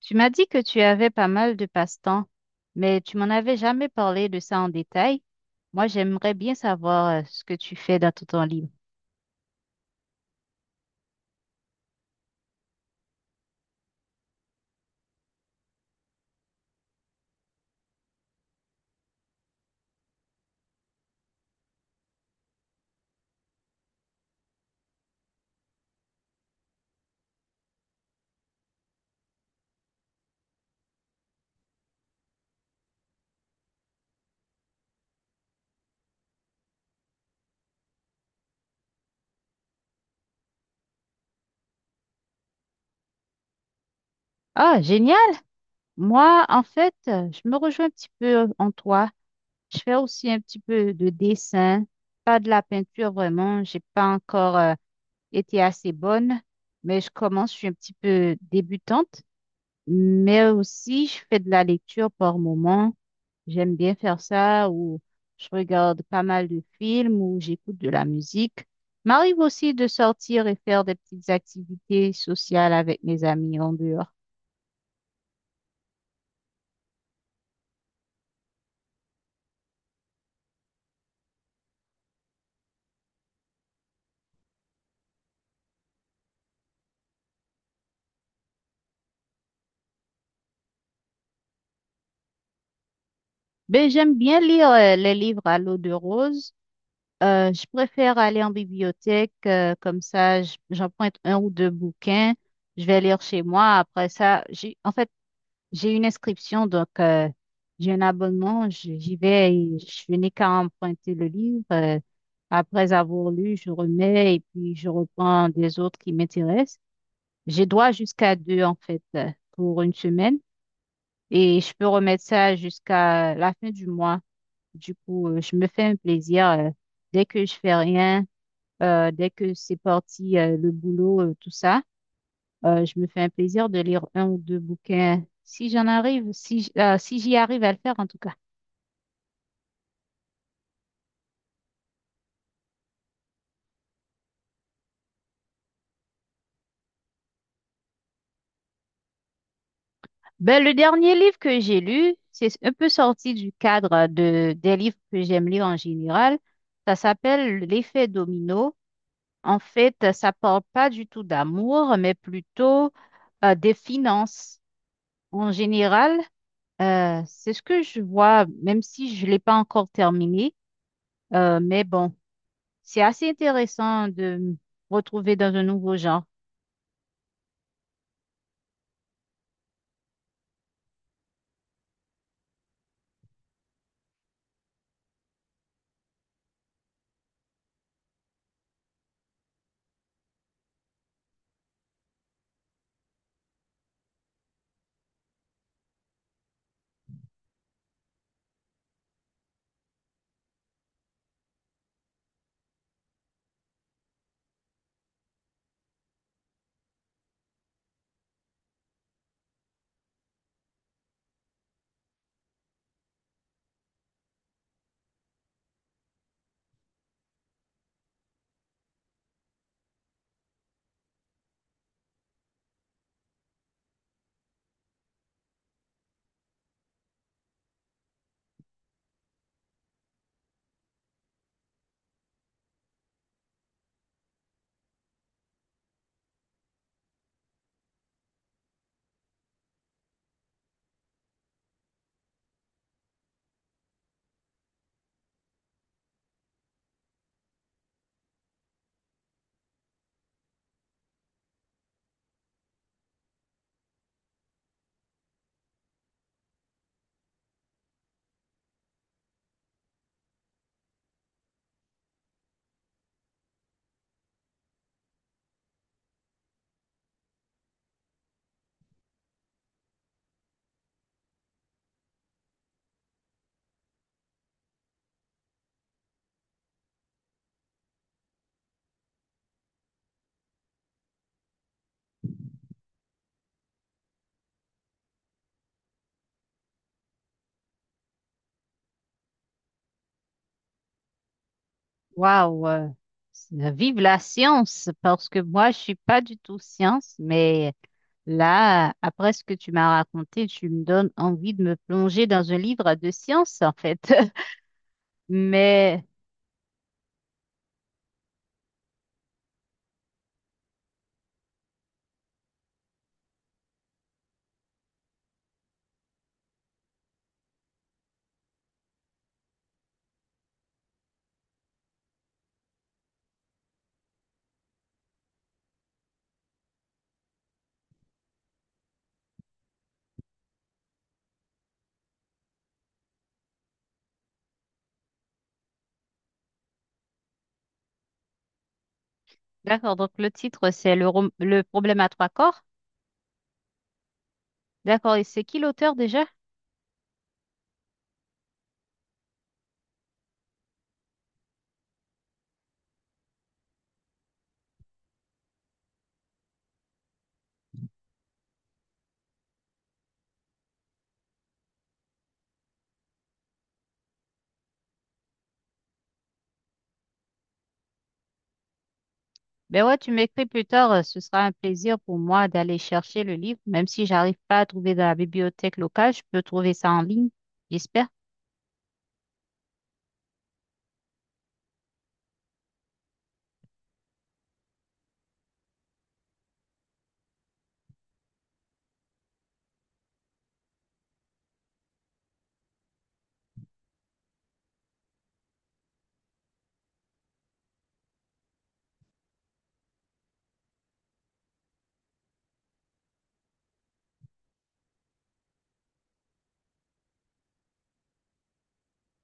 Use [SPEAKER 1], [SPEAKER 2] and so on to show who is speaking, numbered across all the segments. [SPEAKER 1] Tu m'as dit que tu avais pas mal de passe-temps, mais tu m'en avais jamais parlé de ça en détail. Moi, j'aimerais bien savoir ce que tu fais dans ton temps libre. Ah, génial! Moi, en fait, je me rejoins un petit peu en toi. Je fais aussi un petit peu de dessin, pas de la peinture vraiment. J'ai pas encore été assez bonne, mais je commence, je suis un petit peu débutante. Mais aussi, je fais de la lecture par moment. J'aime bien faire ça ou je regarde pas mal de films ou j'écoute de la musique. M'arrive aussi de sortir et faire des petites activités sociales avec mes amis en dehors. Ben, j'aime bien lire les livres à l'eau de rose. Je préfère aller en bibliothèque, comme ça, j'emprunte un ou deux bouquins. Je vais lire chez moi. Après ça, j'ai une inscription, donc j'ai un abonnement. J'y vais et je n'ai qu'à emprunter le livre. Après avoir lu, je remets et puis je reprends des autres qui m'intéressent. J'ai droit jusqu'à deux, en fait, pour une semaine et je peux remettre ça jusqu'à la fin du mois. Du coup, je me fais un plaisir dès que je fais rien, dès que c'est parti, le boulot, tout ça. Je me fais un plaisir de lire un ou deux bouquins, si j'en arrive, si j'y arrive à le faire en tout cas. Ben, le dernier livre que j'ai lu, c'est un peu sorti du cadre de, des livres que j'aime lire en général. Ça s'appelle L'effet domino. En fait, ça parle pas du tout d'amour, mais plutôt des finances. En général, c'est ce que je vois, même si je l'ai pas encore terminé. Mais bon. C'est assez intéressant de me retrouver dans un nouveau genre. Waouh, vive la science, parce que moi, je suis pas du tout science, mais là, après ce que tu m'as raconté, tu me donnes envie de me plonger dans un livre de science, en fait. Mais d'accord, donc le titre, c'est le problème à trois corps. D'accord, et c'est qui l'auteur déjà? Ben ouais, tu m'écris plus tard, ce sera un plaisir pour moi d'aller chercher le livre, même si j'arrive pas à trouver dans la bibliothèque locale, je peux trouver ça en ligne, j'espère.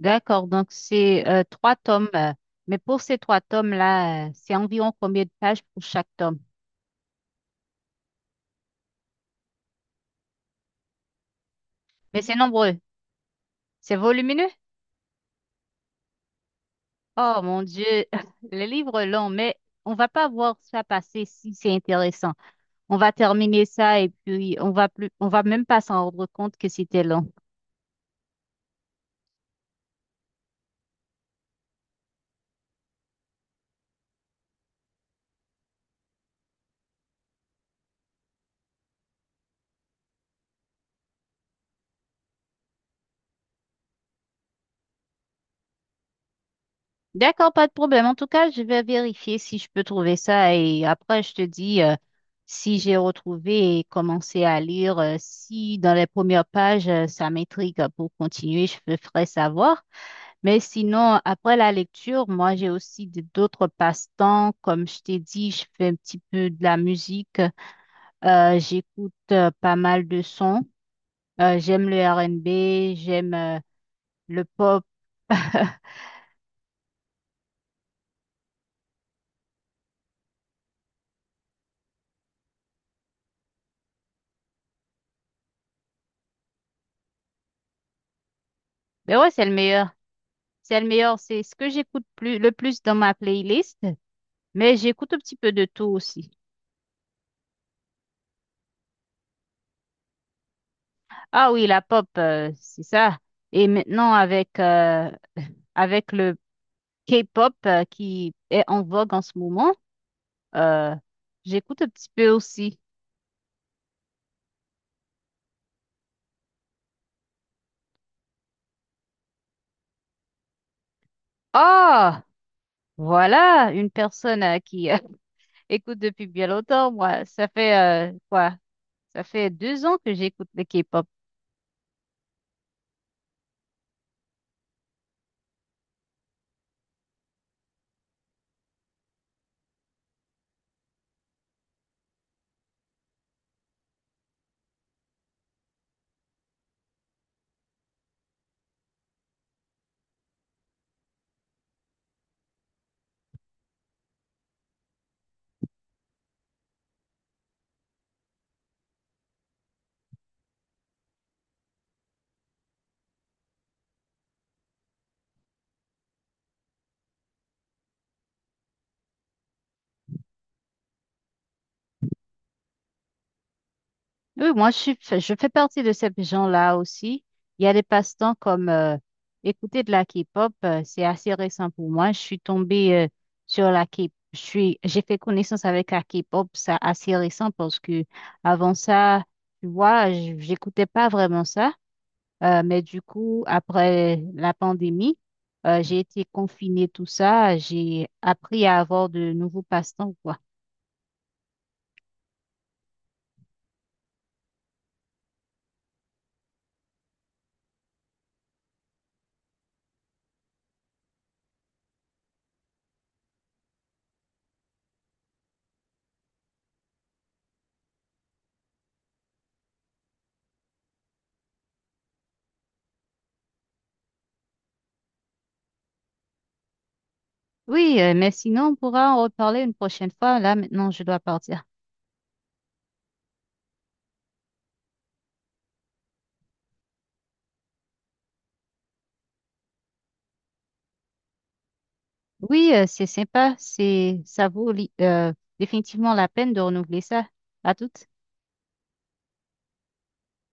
[SPEAKER 1] D'accord, donc c'est trois tomes, mais pour ces trois tomes-là, c'est environ combien de pages pour chaque tome? Mais c'est nombreux, c'est volumineux. Oh mon Dieu, les livres longs, mais on va pas voir ça passer si c'est intéressant. On va terminer ça et puis on va même pas s'en rendre compte que c'était long. D'accord, pas de problème. En tout cas, je vais vérifier si je peux trouver ça et après, je te dis si j'ai retrouvé et commencé à lire. Si dans les premières pages, ça m'intrigue pour continuer, je te ferai savoir. Mais sinon, après la lecture, moi, j'ai aussi d'autres passe-temps. Comme je t'ai dit, je fais un petit peu de la musique. J'écoute pas mal de sons. J'aime le R&B, j'aime le pop. Mais ouais, c'est le meilleur. C'est le meilleur. C'est ce que j'écoute le plus dans ma playlist. Mais j'écoute un petit peu de tout aussi. Ah oui, la pop, c'est ça. Et maintenant, avec le K-pop, qui est en vogue en ce moment, euh, j'écoute un petit peu aussi. Ah, voilà, une personne qui écoute depuis bien longtemps. Moi, ça fait quoi? Ça fait 2 ans que j'écoute le K-pop. Oui, moi, je fais partie de ces gens-là aussi. Il y a des passe-temps comme écouter de la K-pop. C'est assez récent pour moi. Je suis tombée sur la K-pop. J'ai fait connaissance avec la K-pop. C'est assez récent parce que avant ça, tu vois, j'écoutais pas vraiment ça. Mais du coup, après la pandémie, j'ai été confinée, tout ça. J'ai appris à avoir de nouveaux passe-temps, quoi. Oui, mais sinon, on pourra en reparler une prochaine fois. Là, maintenant, je dois partir. Oui, c'est sympa. Ça vaut définitivement la peine de renouveler ça. À toute.